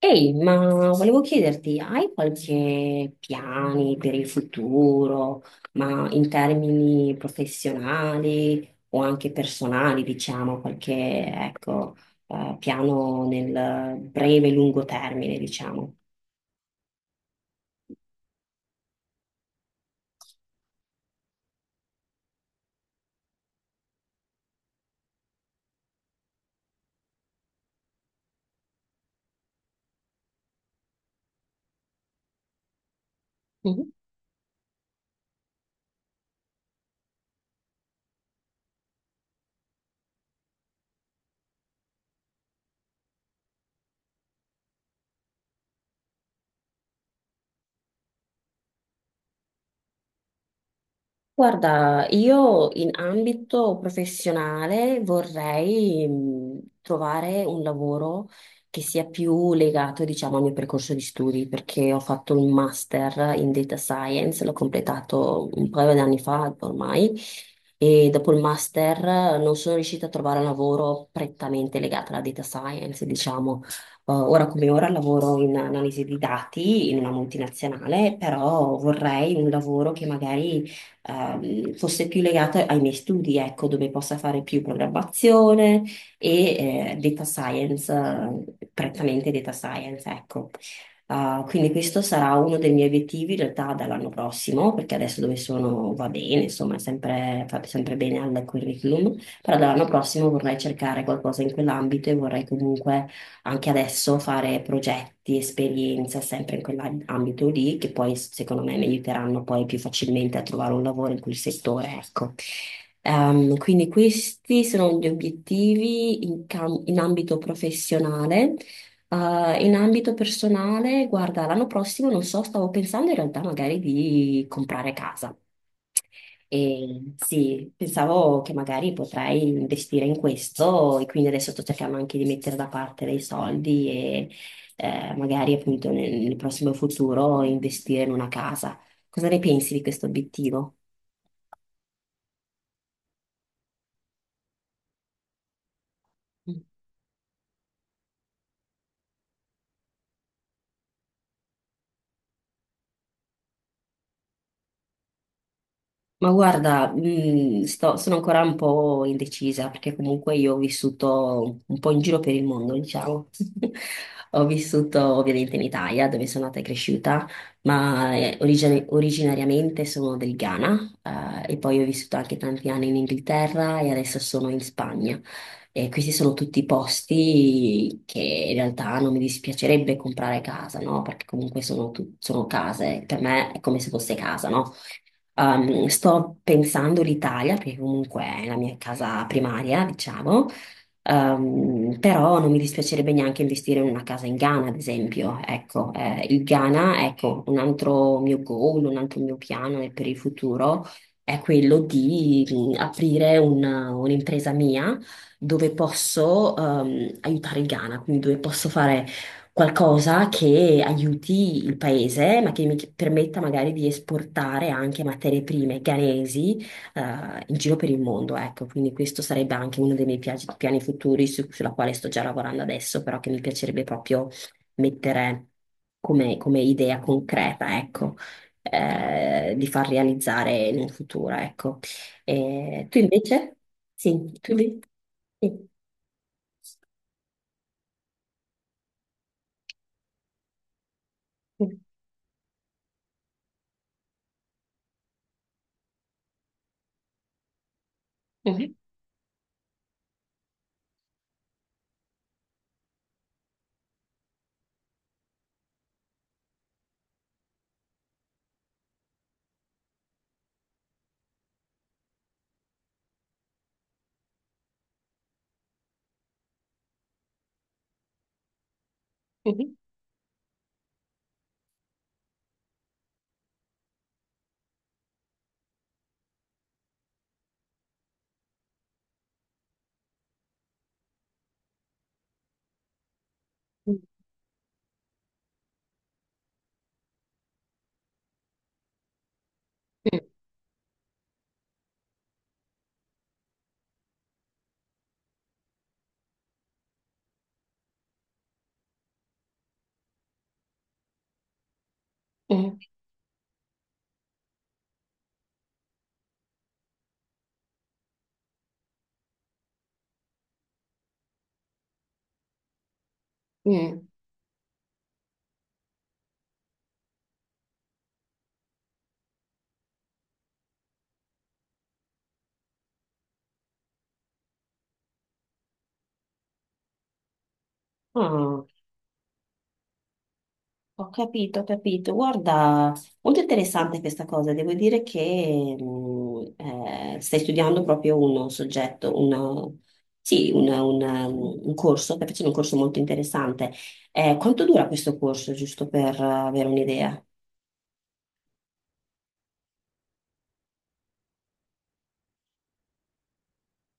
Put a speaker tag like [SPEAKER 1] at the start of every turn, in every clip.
[SPEAKER 1] Ehi, ma volevo chiederti, hai qualche piani per il futuro, ma in termini professionali o anche personali, diciamo, qualche, ecco, piano nel breve e lungo termine, diciamo? Guarda, io in ambito professionale vorrei trovare un lavoro che sia più legato, diciamo, al mio percorso di studi, perché ho fatto un master in data science, l'ho completato un paio di anni fa ormai, e dopo il master non sono riuscita a trovare un lavoro prettamente legato alla data science, diciamo. Ora come ora lavoro in analisi di dati in una multinazionale, però vorrei un lavoro che magari fosse più legata ai miei studi, ecco, dove possa fare più programmazione e data science, prettamente data science, ecco. Quindi questo sarà uno dei miei obiettivi in realtà dall'anno prossimo, perché adesso dove sono va bene, insomma, è sempre, fa sempre bene al curriculum, però dall'anno prossimo vorrei cercare qualcosa in quell'ambito e vorrei comunque anche adesso fare progetti, esperienza sempre in quell'ambito lì, che poi secondo me mi aiuteranno poi più facilmente a trovare un lavoro in quel settore, ecco. Quindi questi sono gli obiettivi in, in ambito professionale. In ambito personale, guarda, l'anno prossimo non so, stavo pensando in realtà magari di comprare casa. E sì, pensavo che magari potrai investire in questo e quindi adesso sto cercando anche di mettere da parte dei soldi e magari appunto nel prossimo futuro investire in una casa. Cosa ne pensi di questo obiettivo? Ma guarda, sono ancora un po' indecisa perché comunque io ho vissuto un po' in giro per il mondo, diciamo. Ho vissuto ovviamente in Italia, dove sono nata e cresciuta, ma originariamente sono del Ghana, e poi ho vissuto anche tanti anni in Inghilterra e adesso sono in Spagna. E questi sono tutti posti che in realtà non mi dispiacerebbe comprare casa, no? Perché comunque sono, sono case, per me è come se fosse casa, no? Sto pensando l'Italia, perché comunque è la mia casa primaria, diciamo. Però non mi dispiacerebbe neanche investire in una casa in Ghana, ad esempio. Ecco, il Ghana, ecco, un altro mio goal, un altro mio piano è per il futuro è quello di aprire un'impresa mia dove posso aiutare il Ghana, quindi dove posso fare qualcosa che aiuti il paese, ma che mi permetta magari di esportare anche materie prime ghanesi, in giro per il mondo, ecco. Quindi questo sarebbe anche uno dei miei piani futuri sulla quale sto già lavorando adesso, però che mi piacerebbe proprio mettere come, come idea concreta, ecco. Di far realizzare in un futuro, ecco. Tu invece? Sì, tu invece? Sì. Mhm, mhm, mhm, mhm, mhm. Ah, ho capito, ho capito. Guarda, molto interessante questa cosa. Devo dire che stai studiando proprio un soggetto, sì, un corso, stai facendo un corso molto interessante. Quanto dura questo corso, giusto per avere un'idea?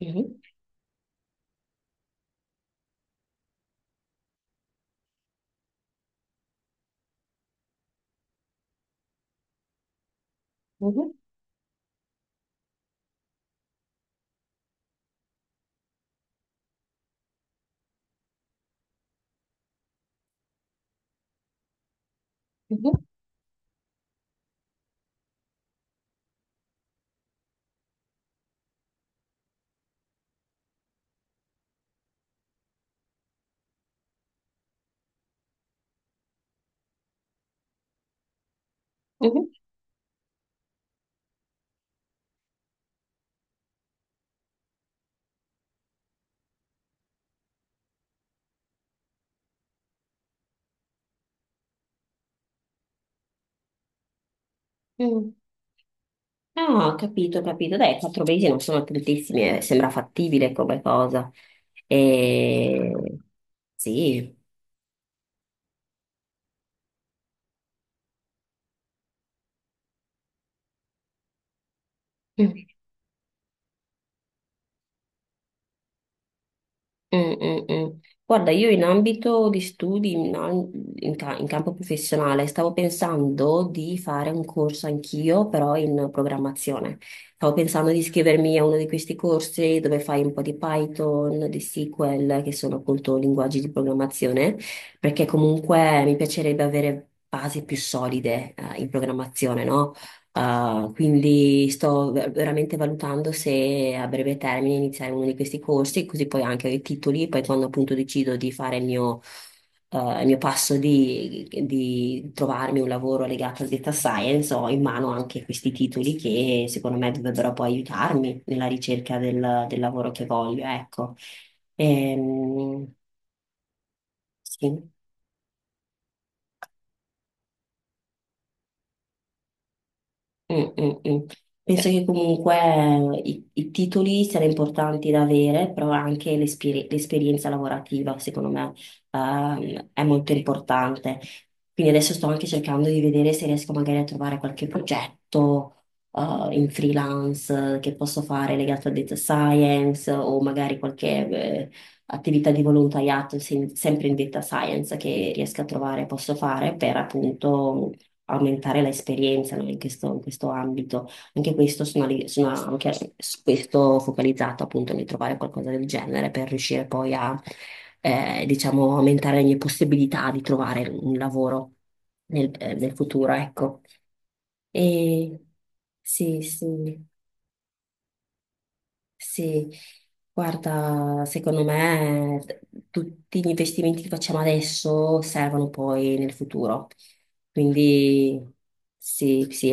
[SPEAKER 1] Mhm, mhm, mhm, mhm, mhm. Ah, ho capito, ho capito. Dai, 4 mesi non sono tantissimi, sembra fattibile come cosa. E... Sì. Mm, mm, mm. Guarda, io in ambito di studi, in, in in campo professionale, stavo pensando di fare un corso anch'io, però in programmazione. Stavo pensando di iscrivermi a uno di questi corsi dove fai un po' di Python, di SQL, che sono appunto linguaggi di programmazione, perché comunque mi piacerebbe avere basi più solide, in programmazione, no? Quindi sto veramente valutando se a breve termine iniziare uno di questi corsi, così poi anche ho i titoli, poi quando appunto decido di fare il mio passo di trovarmi un lavoro legato al data science, ho in mano anche questi titoli che secondo me dovrebbero poi aiutarmi nella ricerca del, del lavoro che voglio, ecco. Ehm, sì. Mm, mm, mm. Penso che comunque i titoli siano importanti da avere, però anche l'esperienza lavorativa, secondo me, è molto importante. Quindi adesso sto anche cercando di vedere se riesco magari a trovare qualche progetto, in freelance che posso fare legato al data science o magari qualche, attività di volontariato, sempre in data science che riesco a trovare, posso fare per appunto aumentare l'esperienza, no, in questo ambito. Anche questo sono, sono anche su questo focalizzato appunto nel trovare qualcosa del genere per riuscire poi a, diciamo, aumentare le mie possibilità di trovare un lavoro nel, nel futuro, ecco. E sì, sì. Sì, guarda, secondo me tutti gli investimenti che facciamo adesso servono poi nel futuro. Quindi sì, sì.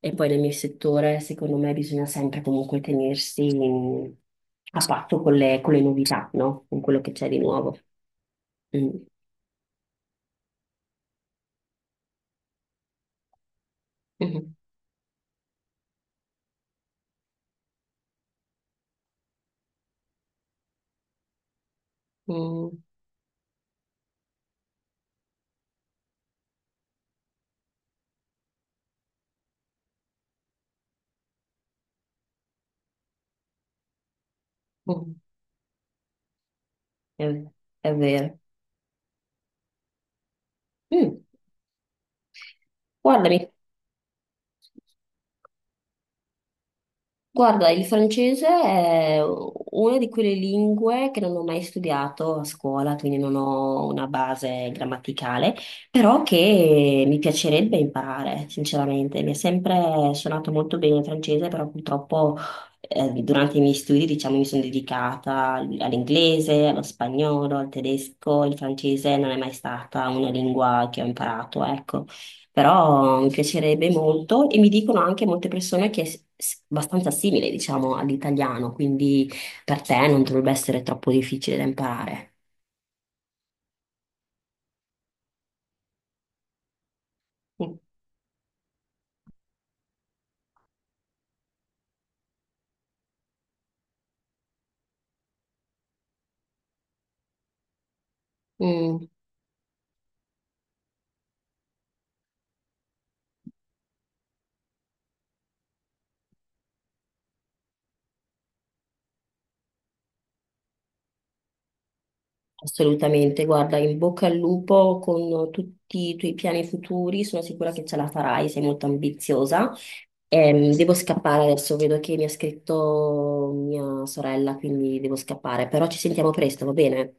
[SPEAKER 1] E poi nel mio settore, secondo me, bisogna sempre comunque tenersi a patto con le novità, no? Con quello che c'è di nuovo. Mm. Mhm. Mm. Mm. È, è vero. Mm. Guardami. Guarda, il francese è una di quelle lingue che non ho mai studiato a scuola, quindi non ho una base grammaticale, però che mi piacerebbe imparare, sinceramente. Mi è sempre suonato molto bene il francese, però purtroppo durante i miei studi, diciamo, mi sono dedicata all'inglese, allo spagnolo, al tedesco, il francese non è mai stata una lingua che ho imparato, ecco, però mi piacerebbe molto e mi dicono anche molte persone che è abbastanza simile, diciamo, all'italiano, quindi per te non dovrebbe essere troppo difficile da imparare. Mm. Mm, assolutamente, guarda, in bocca al lupo con tutti i tuoi piani futuri, sono sicura che ce la farai, sei molto ambiziosa. Devo scappare adesso, vedo che mi ha scritto mia sorella, quindi devo scappare, però ci sentiamo presto, va bene?